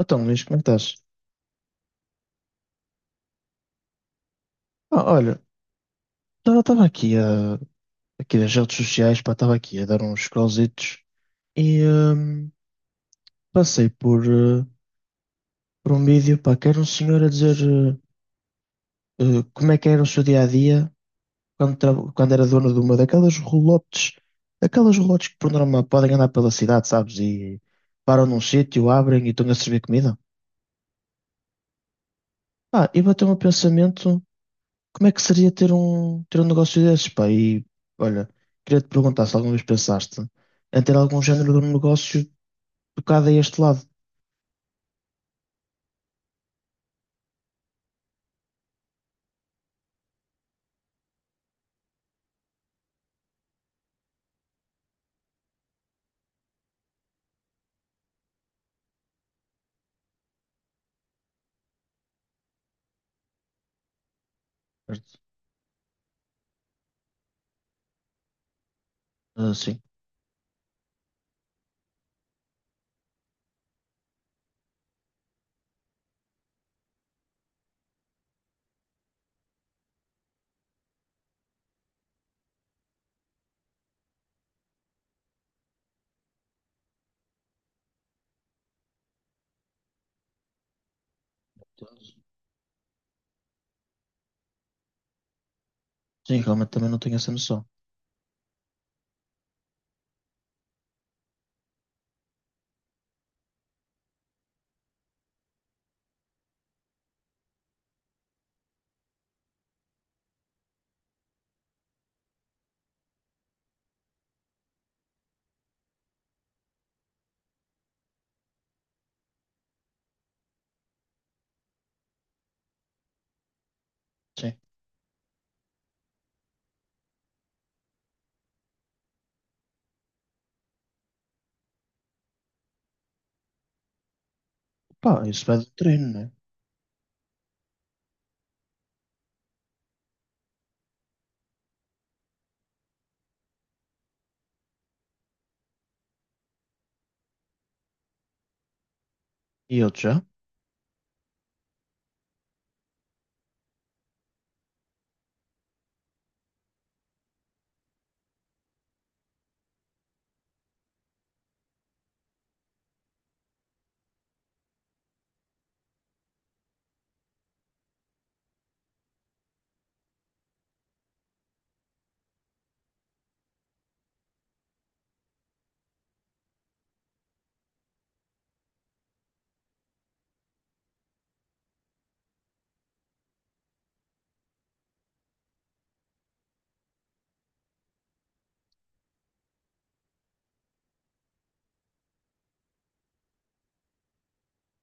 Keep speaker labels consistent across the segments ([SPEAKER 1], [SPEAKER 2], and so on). [SPEAKER 1] Então, Luís, como é que estás? Ah, olha, estava aqui a, aqui nas redes sociais, pá, estava aqui a dar uns scrollzitos e passei por um vídeo, pá, que era um senhor a dizer como é que era o seu dia-a-dia quando, quando era dono de uma daquelas rolotes, aquelas rolotes que por norma podem andar pela cidade, sabes? E param num sítio, abrem e estão a servir comida. Ah, e bateu-me o pensamento: como é que seria ter um negócio desses, pá? E olha, queria te perguntar se alguma vez pensaste em ter algum género de um negócio tocado a este lado. Certo? Ah, sim, sim, realmente também não tenho essa noção. Sim. Pá, isso vai do treino, né? E outro já?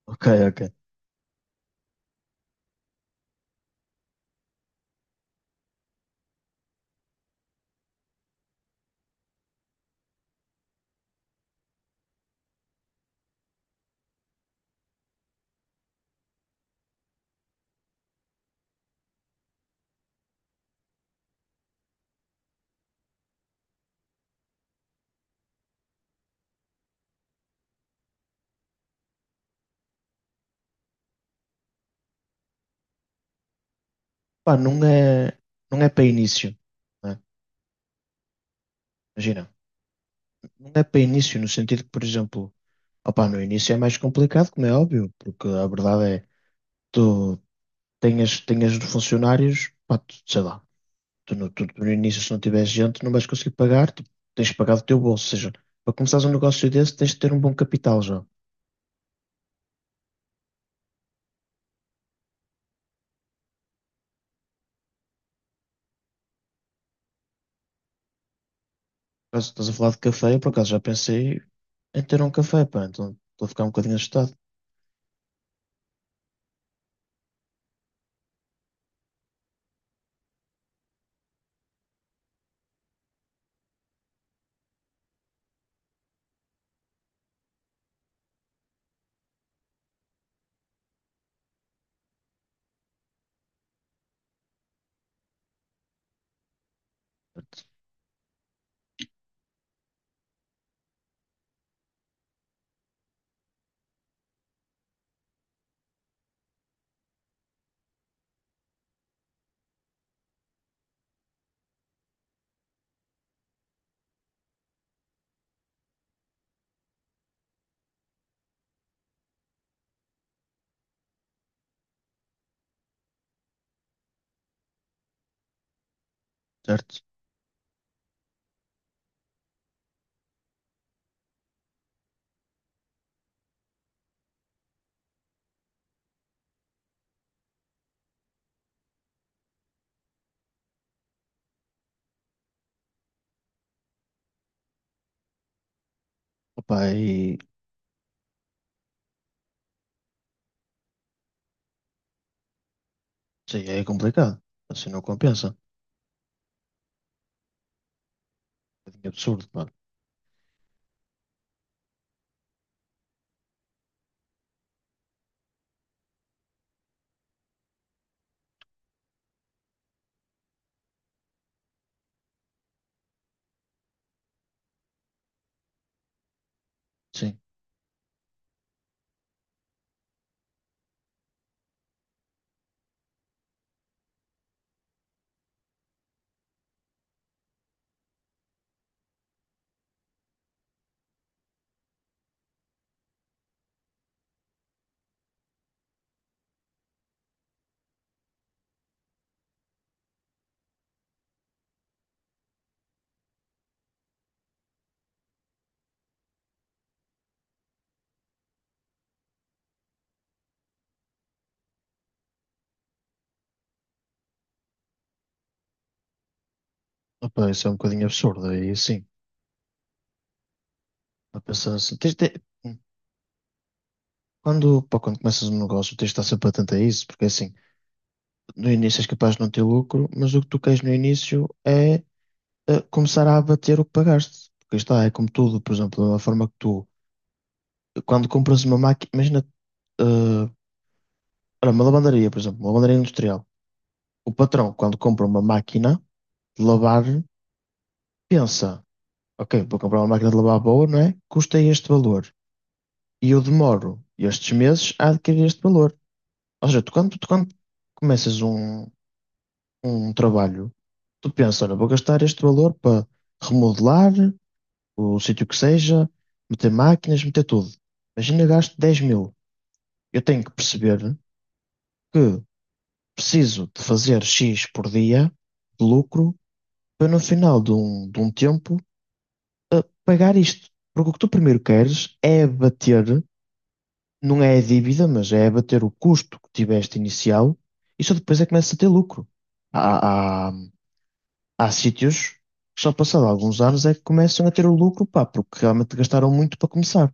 [SPEAKER 1] Ok, ok. Pá, não é para início, né? Imagina, não é para início no sentido que, por exemplo, opá, no início é mais complicado, como é óbvio, porque a verdade é que tu tenhas funcionários, pá, tu, sei lá. Tu no início, se não tiveres gente, não vais conseguir pagar, tipo, tens de pagar do teu bolso. Ou seja, para começares um negócio desse, tens de ter um bom capital já. Caso estás a falar de café, eu por acaso já pensei em ter um café, pá, então estou a ficar um bocadinho assustado, certo? Opa, e sim, é complicado. Assim não compensa. É um bocadinho absurdo, pá. Sim. Opa, isso é um bocadinho absurdo. Aí sim. A pensar assim. Pá, quando começas um negócio, tens de estar sempre atento a isso, porque assim, no início és capaz de não ter lucro, mas o que tu queres no início é a começar a abater o que pagaste. Porque é como tudo, por exemplo, da forma que tu, quando compras uma máquina, imagina, eh, olha, uma lavandaria, por exemplo, uma lavandaria industrial. O patrão, quando compra uma máquina de lavar, pensa, ok, vou comprar uma máquina de lavar boa, não é? Custa este valor. E eu demoro estes meses a adquirir este valor. Ou seja, tu quando começas um trabalho, tu pensas, olha, vou gastar este valor para remodelar, o sítio que seja, meter máquinas, meter tudo. Imagina gasto 10 mil. Eu tenho que perceber que preciso de fazer X por dia de lucro para no final de um tempo pagar isto. Porque o que tu primeiro queres é abater, não é a dívida, mas é abater o custo que tiveste inicial e só depois é que começas a ter lucro. Há, há, há sítios que só passado alguns anos é que começam a ter o lucro, pá, porque realmente gastaram muito para começar.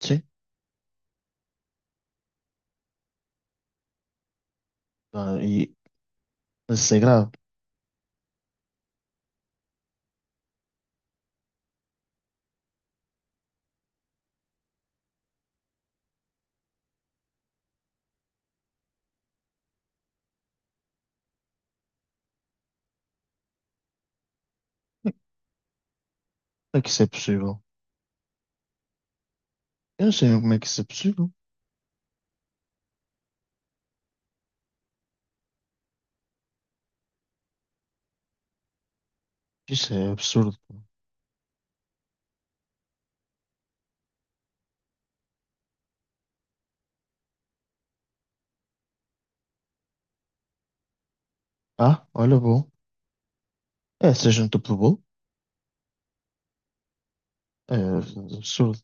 [SPEAKER 1] Sim. Ah, isso é grave. Como é que isso é possível? Eu não sei como é que isso é possível. Isso é absurdo. Ah, olha, bom. É, seja no topo do bolo. É absurdo.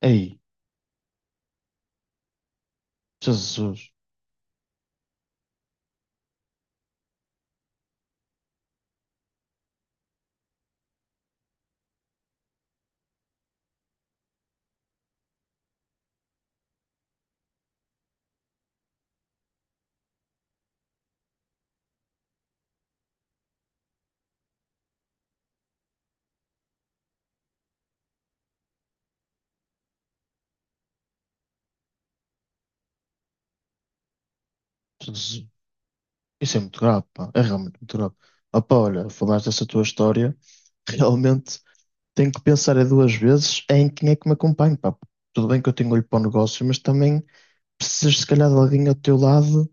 [SPEAKER 1] Ei, Jesus. Jesus. Isso é muito grave, pá. É realmente muito grave. Opa, olha, falaste dessa tua história. Realmente tenho que pensar é duas vezes em quem é que me acompanha, pá. Tudo bem que eu tenho olho para o negócio, mas também precisas, se calhar, de alguém ao teu lado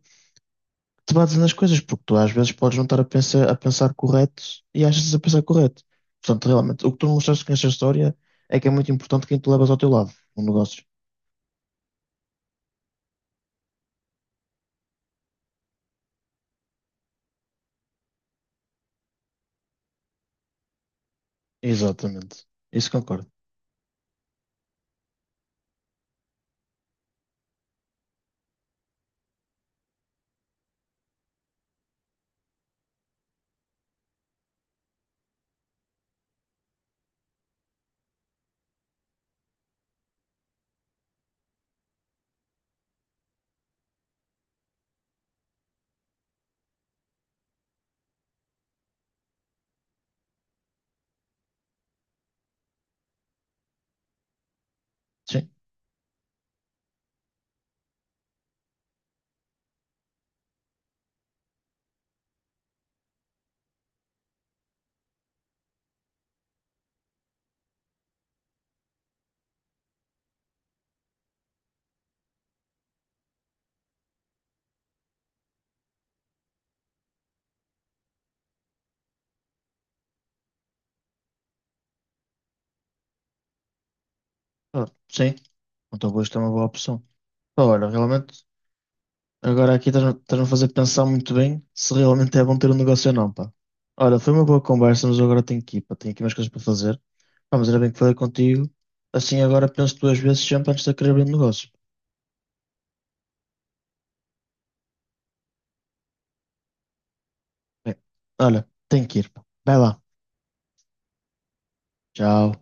[SPEAKER 1] te bases nas coisas, porque tu às vezes podes não estar a pensar correto e achas a pensar correto. Portanto, realmente, o que tu mostraste com esta história é que é muito importante quem tu levas ao teu lado, no negócio. Exatamente. Isso concordo. Sim. Ah, sim. Então, vou isto é uma boa opção. Pá, olha, realmente, agora aqui estás-me a fazer pensar muito bem se realmente é bom ter um negócio ou não, pá. Olha, foi uma boa conversa, mas eu agora tenho que ir, pá. Tenho aqui umas coisas para fazer. Pá, mas era bem que falei contigo. Assim, agora penso duas vezes sempre antes de querer abrir um negócio. Bem, olha, tenho que ir, pá. Vai lá. Tchau.